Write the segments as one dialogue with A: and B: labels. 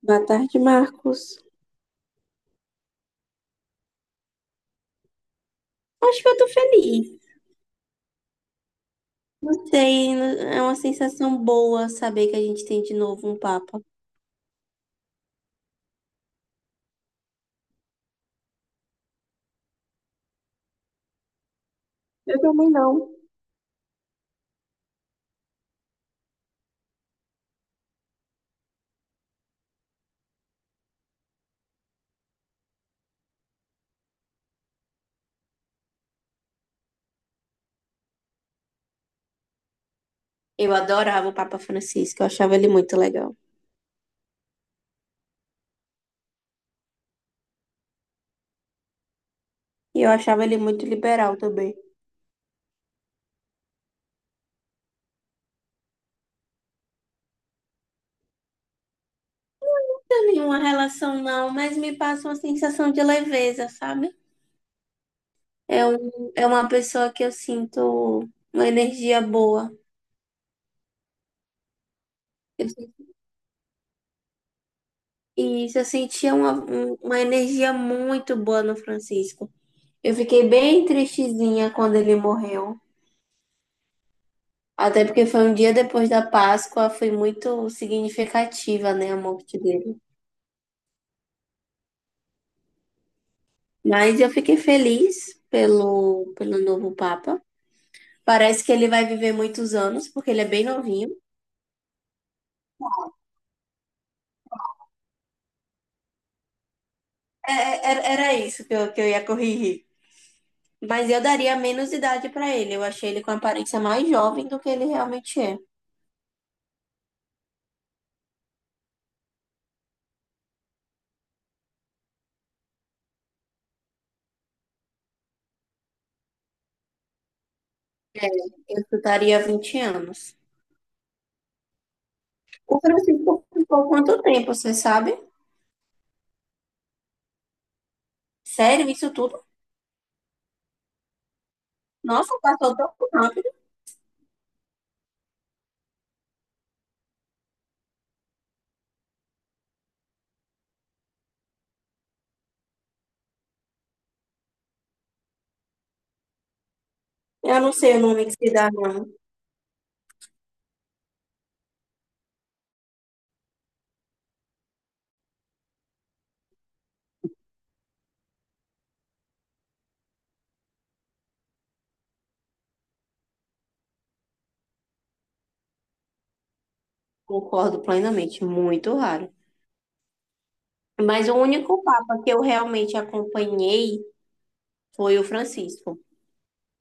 A: Boa tarde, Marcos. Acho que eu tô feliz. Não sei, é uma sensação boa saber que a gente tem de novo um Papa. Eu também não. Eu adorava o Papa Francisco, eu achava ele muito legal. E eu achava ele muito liberal também. Não tem nenhuma relação, não, mas me passa uma sensação de leveza, sabe? É uma pessoa que eu sinto uma energia boa. Eu, eu sentia uma energia muito boa no Francisco. Eu fiquei bem tristezinha quando ele morreu. Até porque foi um dia depois da Páscoa, foi muito significativa, né, a morte dele. Mas eu fiquei feliz pelo novo Papa. Parece que ele vai viver muitos anos, porque ele é bem novinho. É, era isso que eu ia corrigir. Mas eu daria menos idade para ele. Eu achei ele com aparência mais jovem do que ele realmente é. Eu chutaria 20 anos. O Francisco ficou quanto tempo, você sabe? Sério, isso tudo? Nossa, passou tão rápido. Eu não sei o nome que se dá, não. Concordo plenamente, muito raro. Mas o único papa que eu realmente acompanhei foi o Francisco.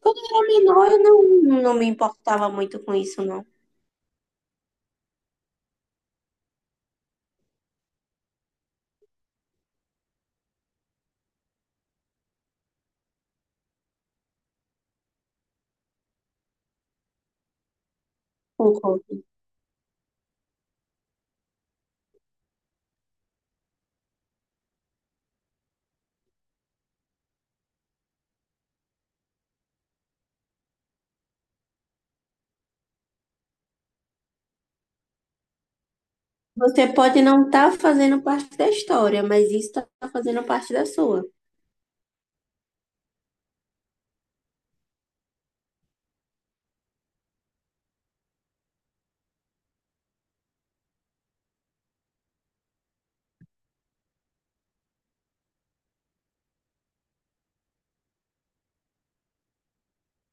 A: Quando eu era menor, eu não me importava muito com isso, não. Concordo. Você pode não estar fazendo parte da história, mas isso está fazendo parte da sua.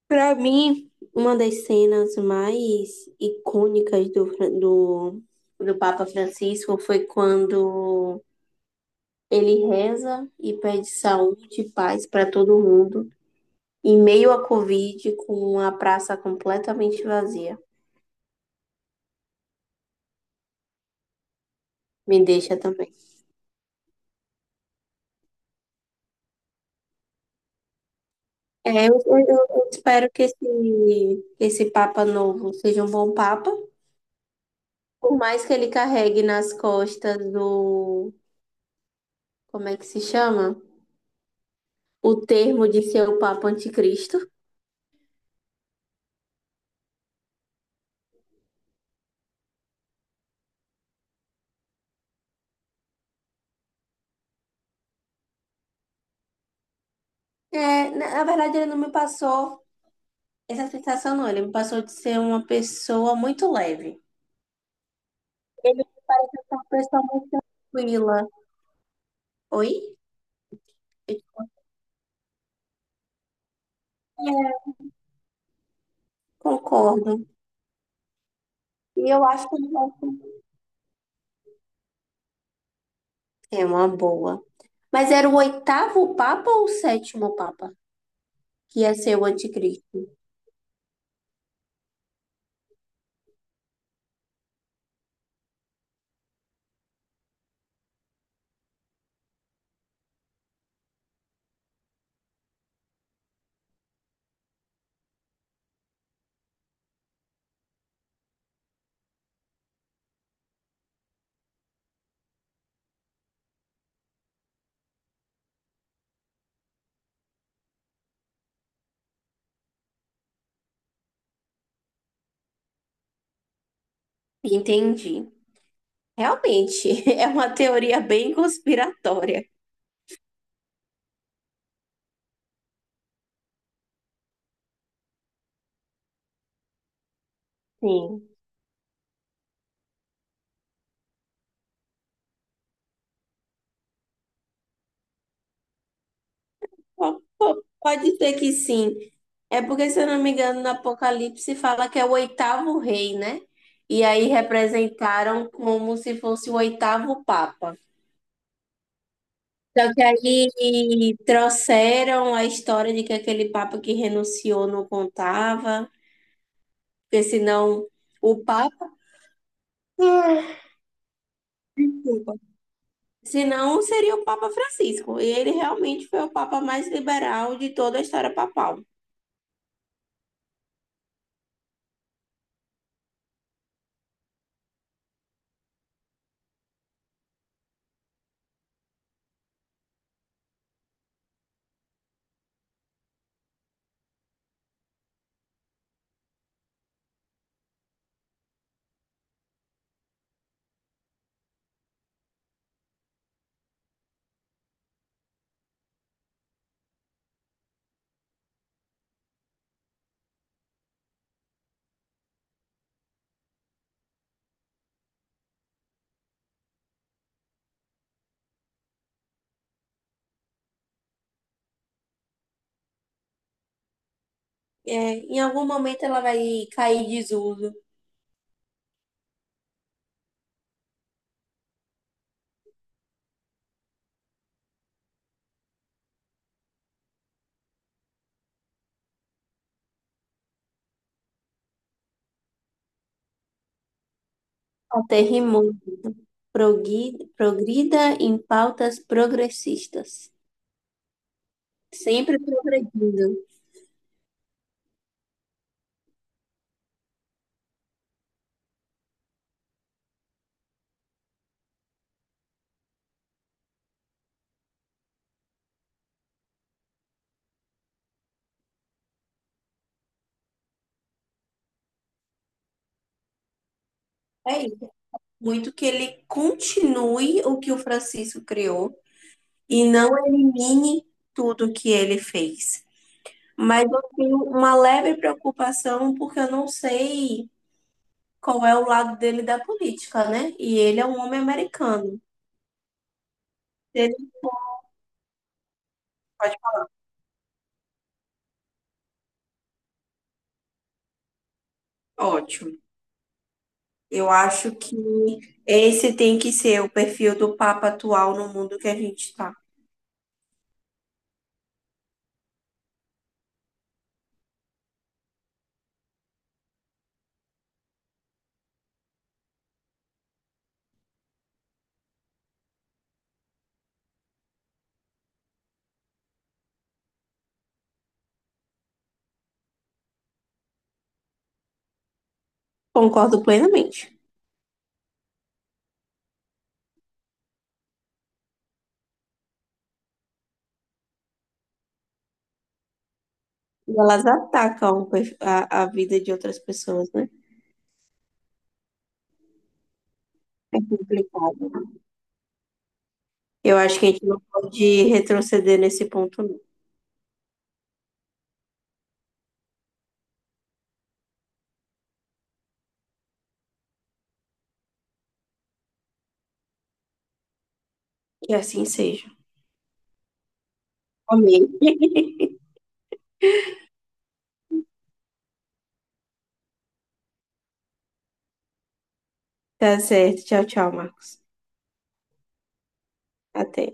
A: Para mim, uma das cenas mais icônicas do Papa Francisco foi quando ele reza e pede saúde e paz para todo mundo, em meio à Covid, com a praça completamente vazia. Me deixa também. Eu espero que esse Papa novo seja um bom Papa, por mais que ele carregue nas costas do. Como é que se chama? O termo de ser o Papa Anticristo. É, na verdade, ele não me passou essa sensação, não. Ele me passou de ser uma pessoa muito leve. Ele é uma pessoa muito tranquila. Oi? Eu é, concordo. E eu acho que é uma boa. Mas era o oitavo Papa ou o sétimo Papa que ia ser o anticristo? Entendi. Realmente, é uma teoria bem conspiratória. Sim. Pode ser que sim. É porque, se eu não me engano, no Apocalipse fala que é o oitavo rei, né? E aí representaram como se fosse o oitavo papa. Só que aí trouxeram a história de que aquele papa que renunciou não contava, porque senão o papa, desculpa, senão seria o Papa Francisco. E ele realmente foi o papa mais liberal de toda a história papal. É, em algum momento ela vai cair em desuso. Até rimou. Progrida em pautas progressistas. Sempre progredindo. É isso. Muito que ele continue o que o Francisco criou, e não elimine tudo que ele fez. Mas eu tenho uma leve preocupação porque eu não sei qual é o lado dele da política, né? E ele é um homem americano. Ele pode... Ótimo. Eu acho que esse tem que ser o perfil do Papa atual no mundo que a gente está. Concordo plenamente. E elas atacam a vida de outras pessoas, né? É complicado. Eu acho que a gente não pode retroceder nesse ponto, não. Que assim seja. Amém. Tá certo. Tchau, tchau, Marcos. Até.